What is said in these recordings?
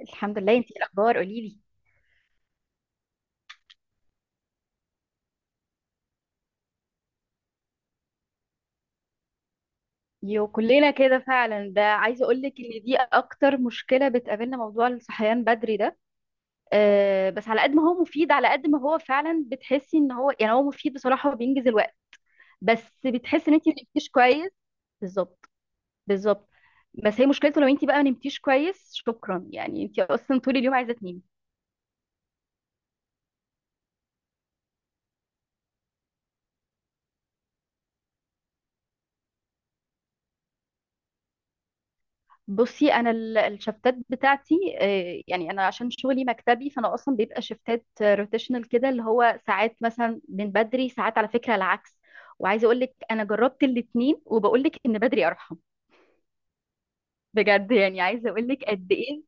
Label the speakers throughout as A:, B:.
A: الحمد لله، انتي ايه الاخبار؟ قولي لي. يو كلنا كده فعلا. ده عايزه اقول لك ان دي اكتر مشكله بتقابلنا، موضوع الصحيان بدري ده. أه بس على قد ما هو مفيد، على قد ما هو فعلا بتحسي ان هو يعني هو مفيد بصراحه وبينجز الوقت، بس بتحسي ان انتي ما نمتيش كويس. بالظبط. بالظبط. بس هي مشكلته لو انتي بقى ما نمتيش كويس شكرا، يعني انتي اصلا طول اليوم عايزه تنامي. بصي انا الشفتات بتاعتي. يعني انا عشان شغلي مكتبي فانا اصلا بيبقى شفتات روتيشنال كده، اللي هو ساعات مثلا من بدري، ساعات على فكره العكس. وعايزه اقول لك انا جربت الاثنين وبقول لك ان بدري ارحم. بجد يعني، عايزه اقول لك قد ايه.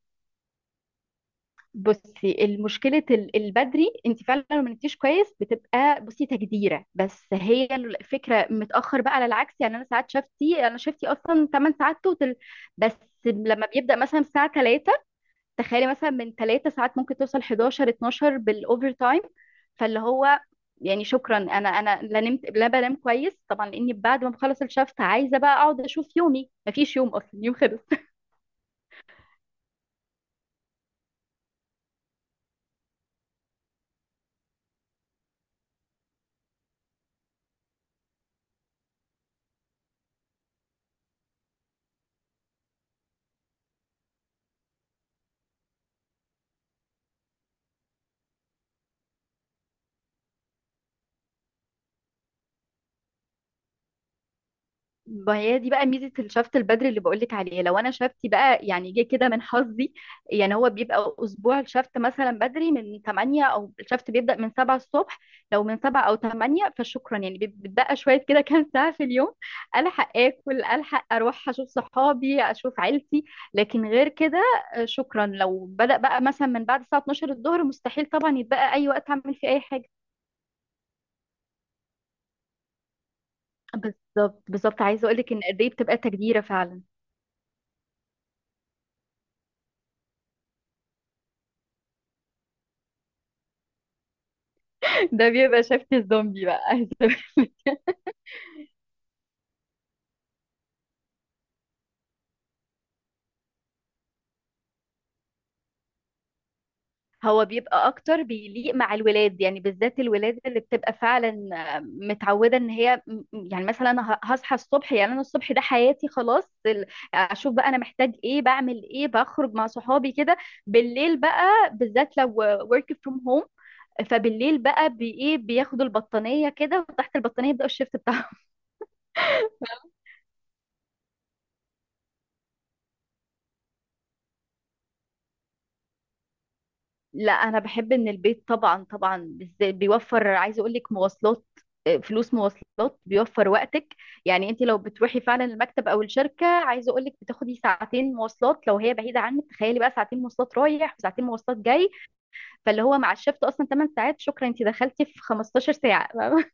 A: بصي المشكله البدري، انت فعلا لو ما نمتيش كويس بتبقى بصي تجديره، بس هي الفكره متاخر بقى على العكس. يعني انا ساعات شفتي، انا شفتي اصلا 8 ساعات توتال بس. لما بيبدا مثلا الساعه، تخيلي مثلا من 3 ساعات ممكن توصل 11 12 بالاوفر تايم. فاللي هو يعني شكرا، انا لا نمت لا بنام كويس طبعا، لاني بعد ما بخلص الشفت عايزه بقى اقعد اشوف يومي، مفيش يوم، اصلا يوم خلص. ما هي دي بقى ميزة الشفط البدري اللي بقولك عليه. لو انا شفتي بقى يعني جه كده من حظي، يعني هو بيبقى اسبوع الشفط مثلا بدري من 8، او الشفط بيبدأ من 7 الصبح. لو من 7 او 8 فشكرا يعني بتبقى شوية كده كام ساعة في اليوم. الحق اكل، الحق اروح اشوف صحابي، اشوف عيلتي. لكن غير كده، شكرا، لو بدأ بقى مثلا من بعد الساعة 12 الظهر مستحيل طبعا يتبقى اي وقت اعمل فيه اي حاجة. بالظبط بالظبط، عايزة اقولك ان قد ايه بتبقى تجديرة فعلا. ده بيبقى شبكة الزومبي بقى عايزة أقولك. هو بيبقى اكتر بيليق مع الولاد، يعني بالذات الولاد اللي بتبقى فعلا متعوده ان يعني مثلا أنا هصحى الصبح، يعني انا الصبح ده حياتي خلاص اشوف بقى انا محتاج ايه، بعمل ايه، بخرج مع صحابي كده. بالليل بقى، بالذات لو work from home، فبالليل بقى بايه، بياخدوا البطانيه كده وتحت البطانيه يبداوا الشيفت بتاعهم. لا انا بحب ان البيت، طبعا طبعا، بالذات بيوفر، عايزه اقول لك، مواصلات. فلوس مواصلات، بيوفر وقتك. يعني انت لو بتروحي فعلا المكتب او الشركه، عايزه اقول لك بتاخدي ساعتين مواصلات لو هي بعيده عنك، تخيلي بقى ساعتين مواصلات رايح وساعتين مواصلات جاي. فاللي هو مع الشفت اصلا 8 ساعات، شكرا انت دخلتي في 15 ساعه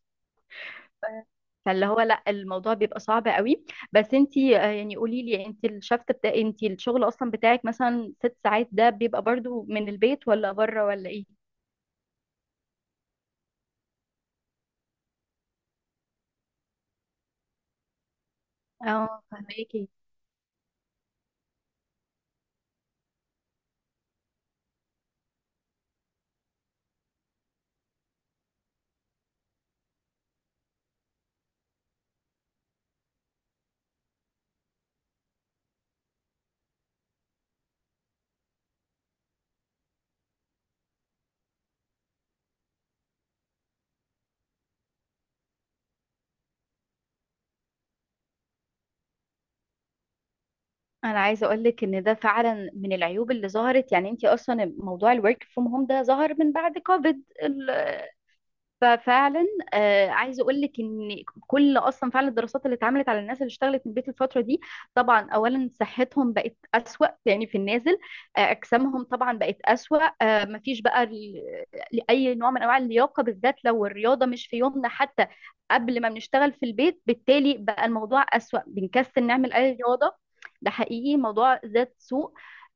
A: فاللي هو لا، الموضوع بيبقى صعب قوي. بس انت يعني قولي لي، انت الشفت بتاع، انت الشغل اصلا بتاعك مثلا 6 ساعات ده بيبقى برضو من البيت ولا بره ولا ايه؟ اه فهماكي. انا عايزه اقول لك ان ده فعلا من العيوب اللي ظهرت. يعني انت اصلا موضوع الورك فروم هوم ده ظهر من بعد كوفيد، ففعلا عايزه اقول لك ان كل اصلا فعلا الدراسات اللي اتعملت على الناس اللي اشتغلت من البيت الفتره دي، طبعا اولا صحتهم بقت اسوأ، يعني في النازل. اجسامهم طبعا بقت اسوأ. اي نوع من انواع اللياقه، بالذات لو الرياضه مش في يومنا حتى قبل ما بنشتغل في البيت، بالتالي بقى الموضوع اسوأ، بنكسل نعمل اي رياضه. ده حقيقي موضوع ذات سوء.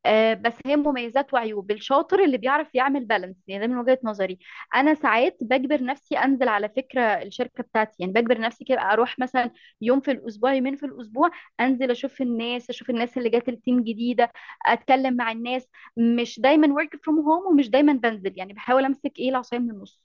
A: بس هي مميزات وعيوب، الشاطر اللي بيعرف يعمل بالانس، يعني ده من وجهة نظري. انا ساعات بجبر نفسي انزل على فكره الشركه بتاعتي، يعني بجبر نفسي كده اروح مثلا يوم في الاسبوع، يومين في الاسبوع، انزل اشوف الناس، اشوف الناس اللي جات التيم جديده، اتكلم مع الناس. مش دايما ورك فروم هوم، ومش دايما بنزل، يعني بحاول امسك ايه، العصايه من النص.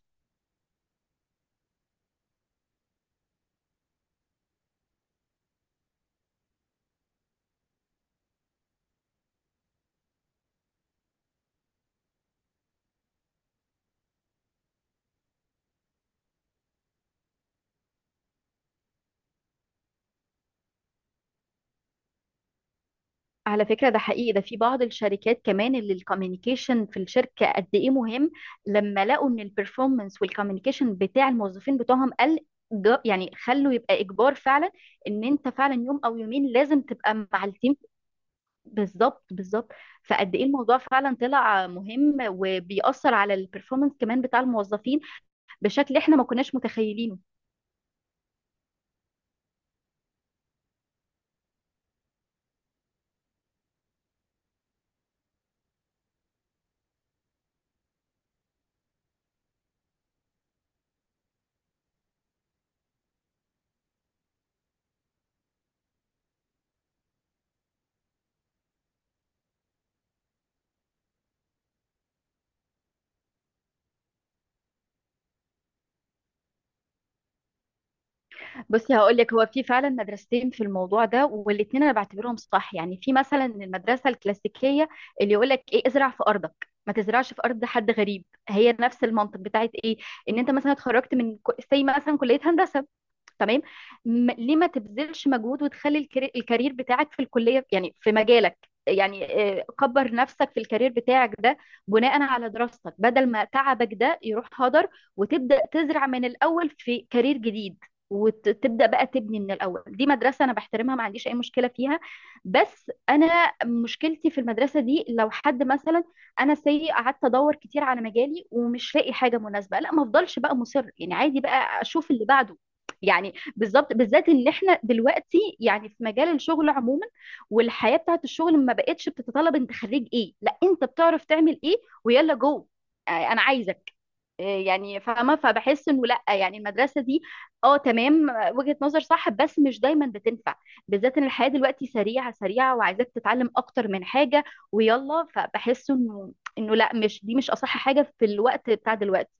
A: على فكرة ده حقيقي، ده في بعض الشركات كمان اللي الكوميونيكيشن في الشركة قد ايه مهم، لما لقوا ان البرفورمانس والكوميونيكيشن بتاع الموظفين بتوعهم قل، يعني خلوا يبقى اجبار فعلا ان انت فعلا يوم او يومين لازم تبقى مع التيم. بالظبط بالظبط. فقد ايه الموضوع فعلا طلع مهم وبيأثر على البرفورمانس كمان بتاع الموظفين بشكل احنا ما كناش متخيلينه. بصي هقول لك، هو في فعلا مدرستين في الموضوع ده، والاثنين انا بعتبرهم صح. يعني في مثلا المدرسه الكلاسيكيه اللي يقول لك ايه، ازرع في ارضك ما تزرعش في ارض حد غريب. هي نفس المنطق بتاعت ايه، ان انت مثلا اتخرجت من، سي مثلا كليه هندسه، تمام، ليه ما تبذلش مجهود وتخلي الكارير بتاعك في الكلية يعني في مجالك. يعني كبر نفسك في الكارير بتاعك ده بناء على دراستك، بدل ما تعبك ده يروح هدر وتبدأ تزرع من الأول في كارير جديد وتبدأ بقى تبني من الأول. دي مدرسة أنا بحترمها، ما عنديش أي مشكلة فيها. بس أنا مشكلتي في المدرسة دي، لو حد مثلا، أنا سي، قعدت أدور كتير على مجالي ومش لاقي حاجة مناسبة، لا ما أفضلش بقى مصر يعني، عادي بقى أشوف اللي بعده. يعني بالظبط، بالذات ان احنا دلوقتي يعني في مجال الشغل عموما، والحياه بتاعت الشغل ما بقتش بتتطلب انت خريج ايه، لا، انت بتعرف تعمل ايه. ويلا جو. انا عايزك، يعني فاهمه. فبحس انه لا، يعني المدرسه دي، اه تمام، وجهه نظر صح بس مش دايما بتنفع، بالذات ان الحياه دلوقتي سريعه سريعه وعايزاك تتعلم اكتر من حاجه. ويلا، فبحس انه، انه لا، مش دي مش اصح حاجه في الوقت بتاع دلوقتي.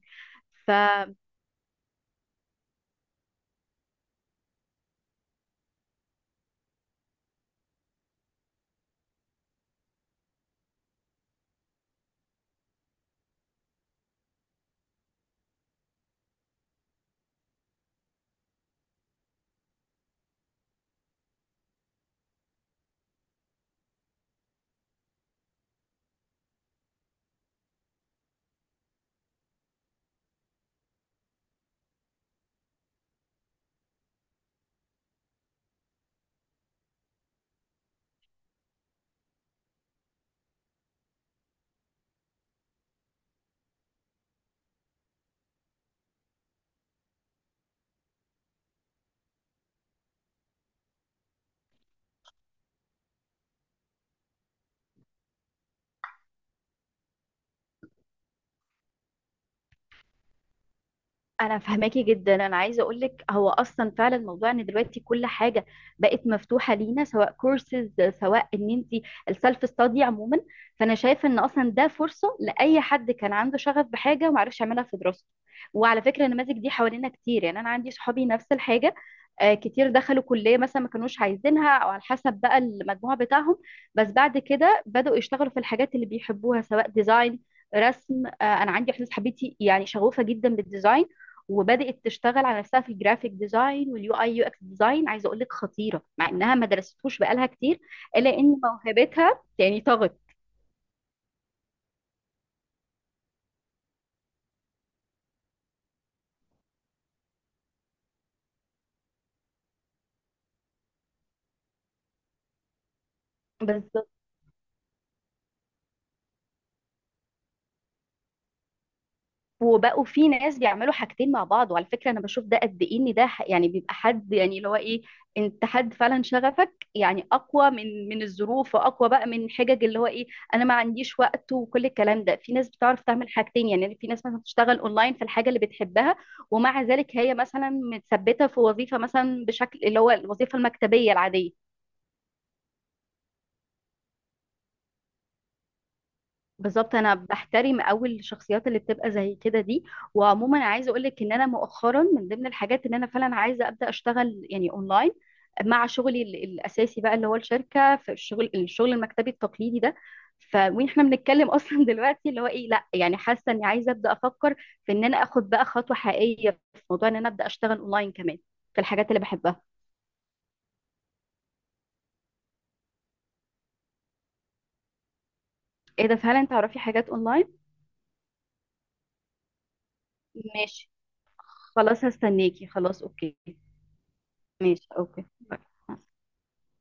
A: انا فهماكي جدا. انا عايزه اقول لك هو اصلا فعلا موضوع ان دلوقتي كل حاجه بقت مفتوحه لينا، سواء كورسز، سواء ان انت السيلف ستادي عموما، فانا شايفه ان اصلا ده فرصه لاي حد كان عنده شغف بحاجه وما عرفش يعملها في دراسته. وعلى فكره النماذج دي حوالينا كتير، يعني انا عندي صحابي نفس الحاجه. كتير دخلوا كليه مثلا ما كانوش عايزينها او على حسب بقى المجموع بتاعهم، بس بعد كده بداوا يشتغلوا في الحاجات اللي بيحبوها، سواء ديزاين، رسم. انا عندي واحده صاحبتي يعني شغوفه جدا بالديزاين، وبدأت تشتغل على نفسها في الجرافيك ديزاين واليو اي يو اكس ديزاين. عايزه اقول لك خطيره، مع انها ما درستهوش بقالها كتير، الا ان موهبتها يعني طغت. بس. وبقوا في ناس بيعملوا حاجتين مع بعض، وعلى فكرة انا بشوف ده قد ايه، ان ده يعني بيبقى حد، يعني اللي هو ايه، انت حد فعلا شغفك يعني اقوى من الظروف، واقوى بقى من حجج اللي هو ايه، انا ما عنديش وقت وكل الكلام ده. في ناس بتعرف تعمل حاجتين، يعني في ناس مثلا بتشتغل اونلاين في الحاجة اللي بتحبها، ومع ذلك هي مثلا متثبتة في وظيفة، مثلا بشكل اللي هو الوظيفة المكتبية العادية. بالظبط، انا بحترم قوي الشخصيات اللي بتبقى زي كده دي. وعموما عايزه اقول لك، ان انا مؤخرا من ضمن الحاجات ان انا فعلا عايزه ابدا اشتغل يعني اونلاين مع شغلي الاساسي بقى، اللي هو الشركه في الشغل، الشغل المكتبي التقليدي ده. ف واحنا بنتكلم اصلا دلوقتي اللي هو ايه، لا يعني حاسه اني عايزه ابدا افكر في ان انا اخد بقى خطوه حقيقيه في موضوع ان انا ابدا اشتغل اونلاين كمان في الحاجات اللي بحبها. ايه ده، فعلا تعرفي حاجات اونلاين؟ ماشي. خلاص هستناكي. خلاص، اوكي. ماشي، اوكي، باي.